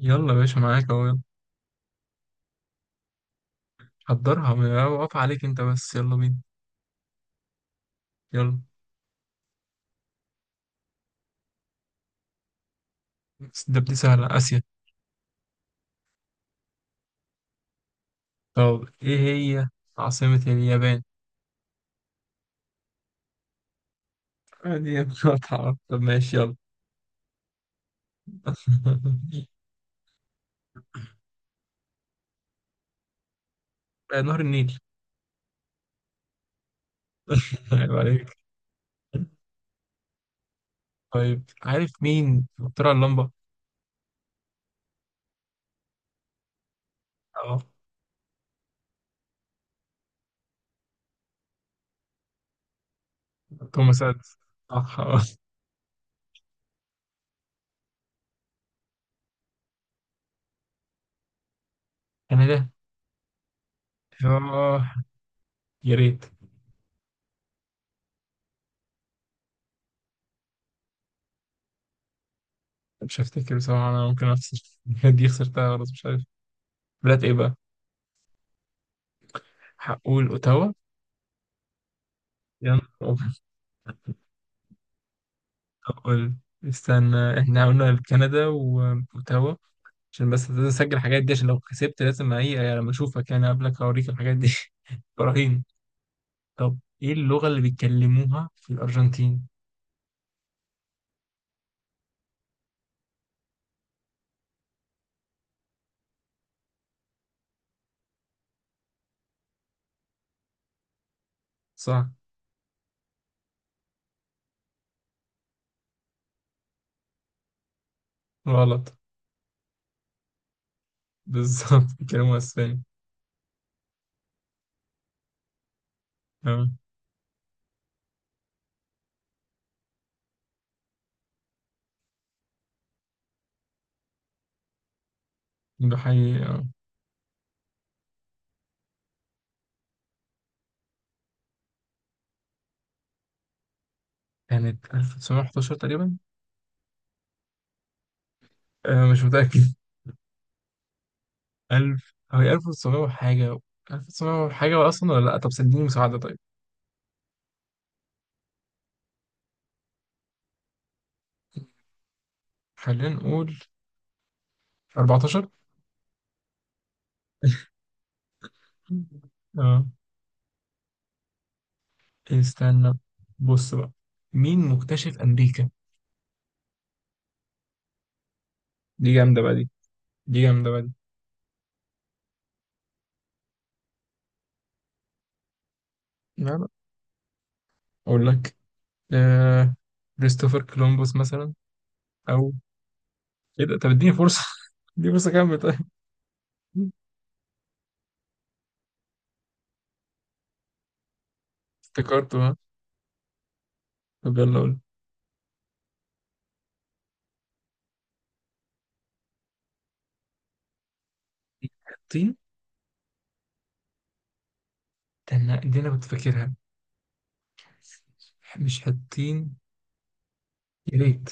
يلا يا باشا، معاك اهو. يلا حضرها، واقف عليك انت بس. يلا بينا. يلا بس ده بدي سهلة، آسيا. طب ايه هي عاصمة اليابان؟ دي مقاطعة. طب ماشي يلا. آه، نهر النيل. عيب عليك. طيب عارف مين اخترع اللمبة؟ اه، توماس اديسون. صح اه. انا ده. اه. يا ريت. مش هفتكر بصراحة، انا ممكن اخسر. دي خسرتها خلاص، مش عارف. بلاد ايه بقى؟ هقول اوتاوا. يلا. طب قول. استنى، احنا قلنا كندا واوتاوا عشان بس لازم اسجل الحاجات دي، عشان لو كسبت لازم ايه يعني، لما اشوفك يعني قبلك اوريك الحاجات دي. براهين. طب ايه اللغة اللي بيتكلموها في الارجنتين؟ صح. غلط. بالظبط بيتكلموا اسباني. اه ده حقيقي اه. كانت 1911 تقريبا. آه مش متأكد. 1000، هي 1900 وحاجة. 1900 وحاجة اصلا، ولا لا؟ طب سنديني مساعدة طيب. خلينا نقول 14. اه. استنى، بص بقى، مين مكتشف أمريكا؟ دي جامدة بقى دي. دي جامدة بقى دي. لا لا، أقول لك. آه... كريستوفر كولومبوس مثلا. أو إيه ده، طب اديني فرصة. اديني فرصة كمل طيب. افتكرته ها. طب يلا قول. حطين. استنى، دي أنا كنت فاكرها. مش حطين. يا ريت.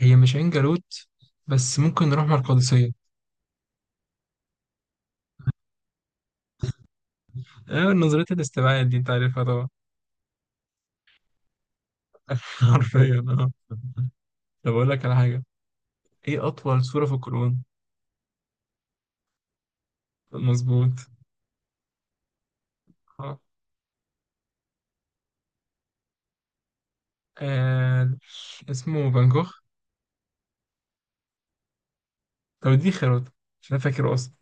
هي مش عين جالوت، بس ممكن نروح مع القادسية. آه، نظرية الاستبعاد دي أنت عارفها طبعا. حرفيا اه. طب أقول لك على حاجة، إيه أطول سورة في القرآن؟ مظبوط. آه. آه، اسمه فان جوخ. طب دي خيارات، عشان انا فاكره اصلا.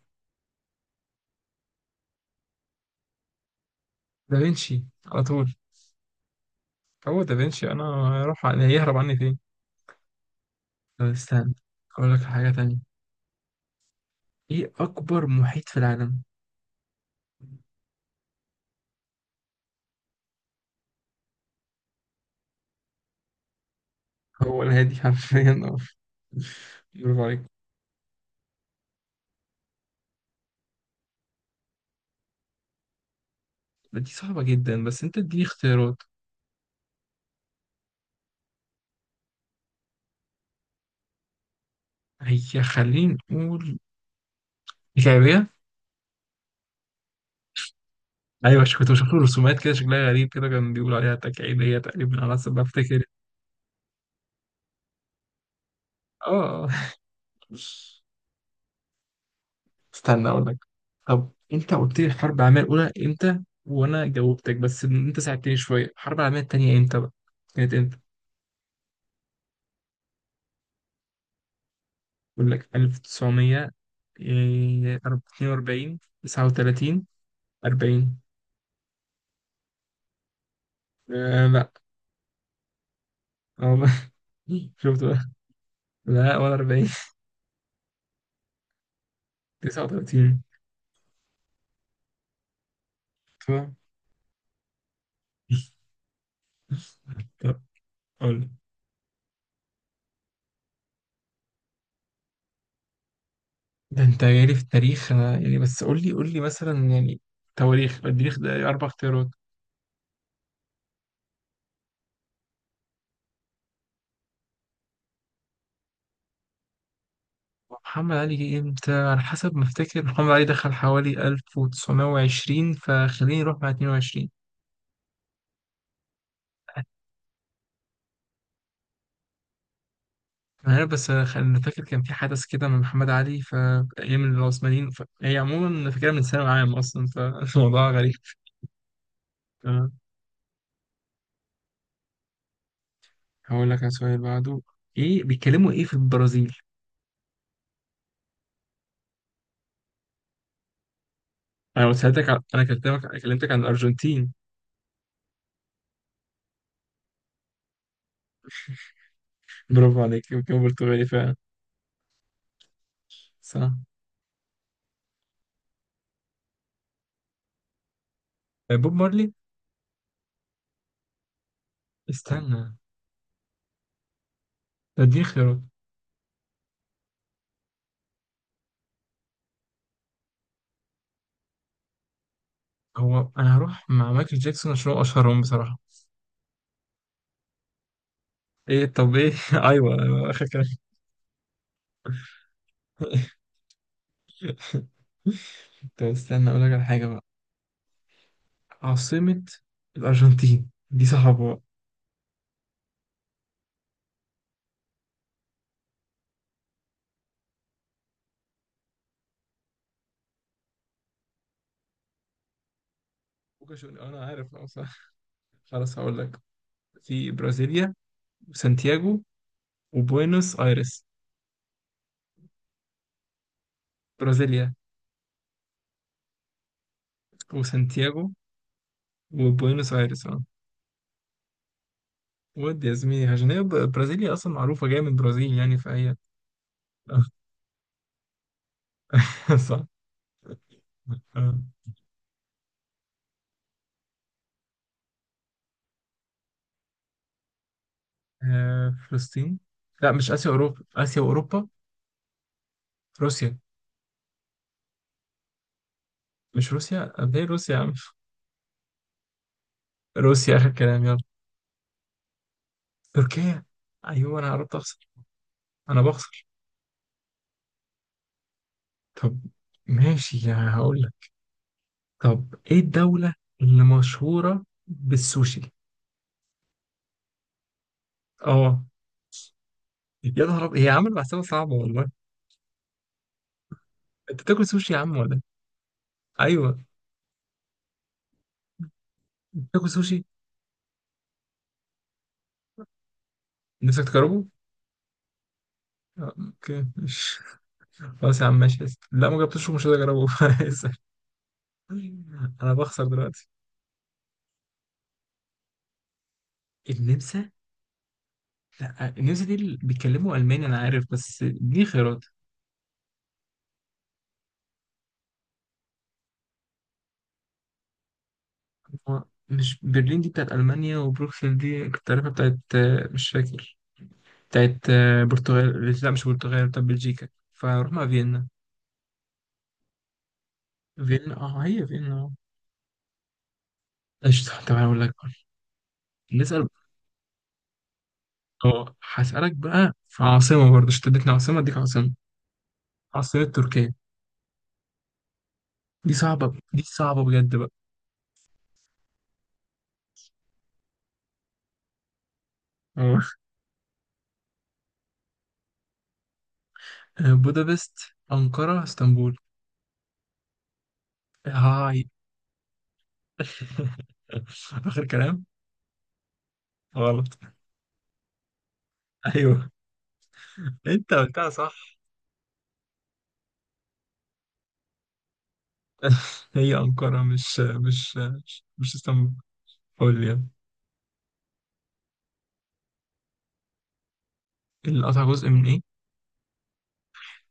دافنشي على طول. هو دافنشي، انا هروح هيهرب عني فين. طب استنى اقول لك حاجة تانية، ايه اكبر محيط في العالم؟ هو الهادي حرفيا اه. برافو عليك. دي صعبة جدا، بس انت اديني اختيارات. هي، خلينا نقول الكعبية. ايوه، كنت بشوف له رسومات كده شكلها غريب كده، كان بيقول عليها تكعيبية تقريبا على حسب ما افتكر. اه. استنى اقول لك، طب انت قلت لي الحرب العالميه الاولى امتى وانا جاوبتك بس انت ساعدتني شويه. الحرب العالميه الثانيه امتى بقى؟ كانت امتى؟ اقول لك، 1942، 39، 40. آه لا. والله. شفت بقى. لا، ولا 40. 39. طبعا. طب طب قول لي. ده انت جاي لي في التاريخ انا يعني، بس قول لي قول لي مثلا يعني، تواريخ، التاريخ ده اربع اختيارات. محمد علي جه امتى، على حسب ما افتكر محمد علي دخل حوالي 1920، فخليني اروح مع 22. انا عارف، بس انا فاكر كان في حدث كده من محمد علي في ايام العثمانيين، هي عموما أنا فاكرها من ثانوي عام اصلا، فالموضوع غريب. تمام. هقول لك على سؤال بعده، ايه بيتكلموا في البرازيل؟ انا قلت لك على... انا كلمتك عن الارجنتين. برافو عليك، يمكن برتغالي فعلا. صح. بوب مارلي. استنى ده، اديني خيارات. هو انا هروح مع مايكل جاكسون عشان هو اشهرهم بصراحه. ايه طب ايه ايوه، اخر كلام. طب استنى اقول لك على حاجه بقى، عاصمه الارجنتين دي صعبه بقى. ممكن انا عارف اه صح. خلاص هقول لك، في برازيليا وسانتياغو وبوينوس ايرس. برازيليا وسانتياغو وبوينوس ايرس اه. ودي يا زميلي عشان هي برازيليا اصلا معروفه جايه من البرازيل يعني، فهي صح. آه. فلسطين. لا مش اسيا اوروبا، اسيا واوروبا. روسيا. مش روسيا، قبل روسيا يا عم. روسيا آخر كلام يلا. تركيا. أيوه أنا قربت أخسر. أنا بخسر. طب ماشي يعني هقول لك، طب إيه الدولة اللي مشهورة بالسوشي؟ أه. يا نهار أبيض، هي عامل محسبة صعبة والله. أنت بتاكل سوشي يا عم ولا؟ إيه؟ أيوه. أنت بتاكل سوشي؟ نفسك تجربه؟ أوكي مش. خلاص يا عم ماشي، اسف. لا ما جبتوش، ومش هقدر أجربه. اسف. أنا بخسر دلوقتي. النمسا؟ لا النمسا دي اللي بيتكلموا ألماني، أنا عارف، بس دي خيارات. هو مش برلين دي بتاعت ألمانيا، وبروكسل دي كنت عارفها بتاعت مش فاكر، بتاعت برتغال، لا مش برتغال، بتاعت بلجيكا. فرحنا، فيينا. فيينا اه، هي فيينا اه. قشطة. طب أنا أقول لك بقى. نسأل. اه هسألك بقى في عاصمة برضه، اشتدتني عاصمة أديك عاصمة، عاصمة تركيا. دي صعبة بجد بقى. اه. بودابست، أنقرة، اسطنبول. هاي. آخر كلام. غلط. أيوه، أنت قلتها صح. هي أنقرة، مش اسطنبول. قول لي يلا. اللي قطع جزء من إيه؟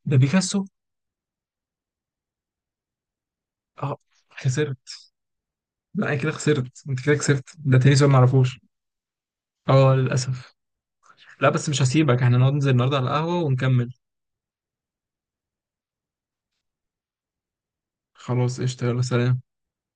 ده بيكاسو. أه، خسرت. لا أنا كده خسرت، أنت كده خسرت، ده تاني سؤال معرفوش. أه للأسف. لا بس مش هسيبك، احنا نقعد ننزل النهاردة على القهوة ونكمل. خلاص قشطة، يلا سلام.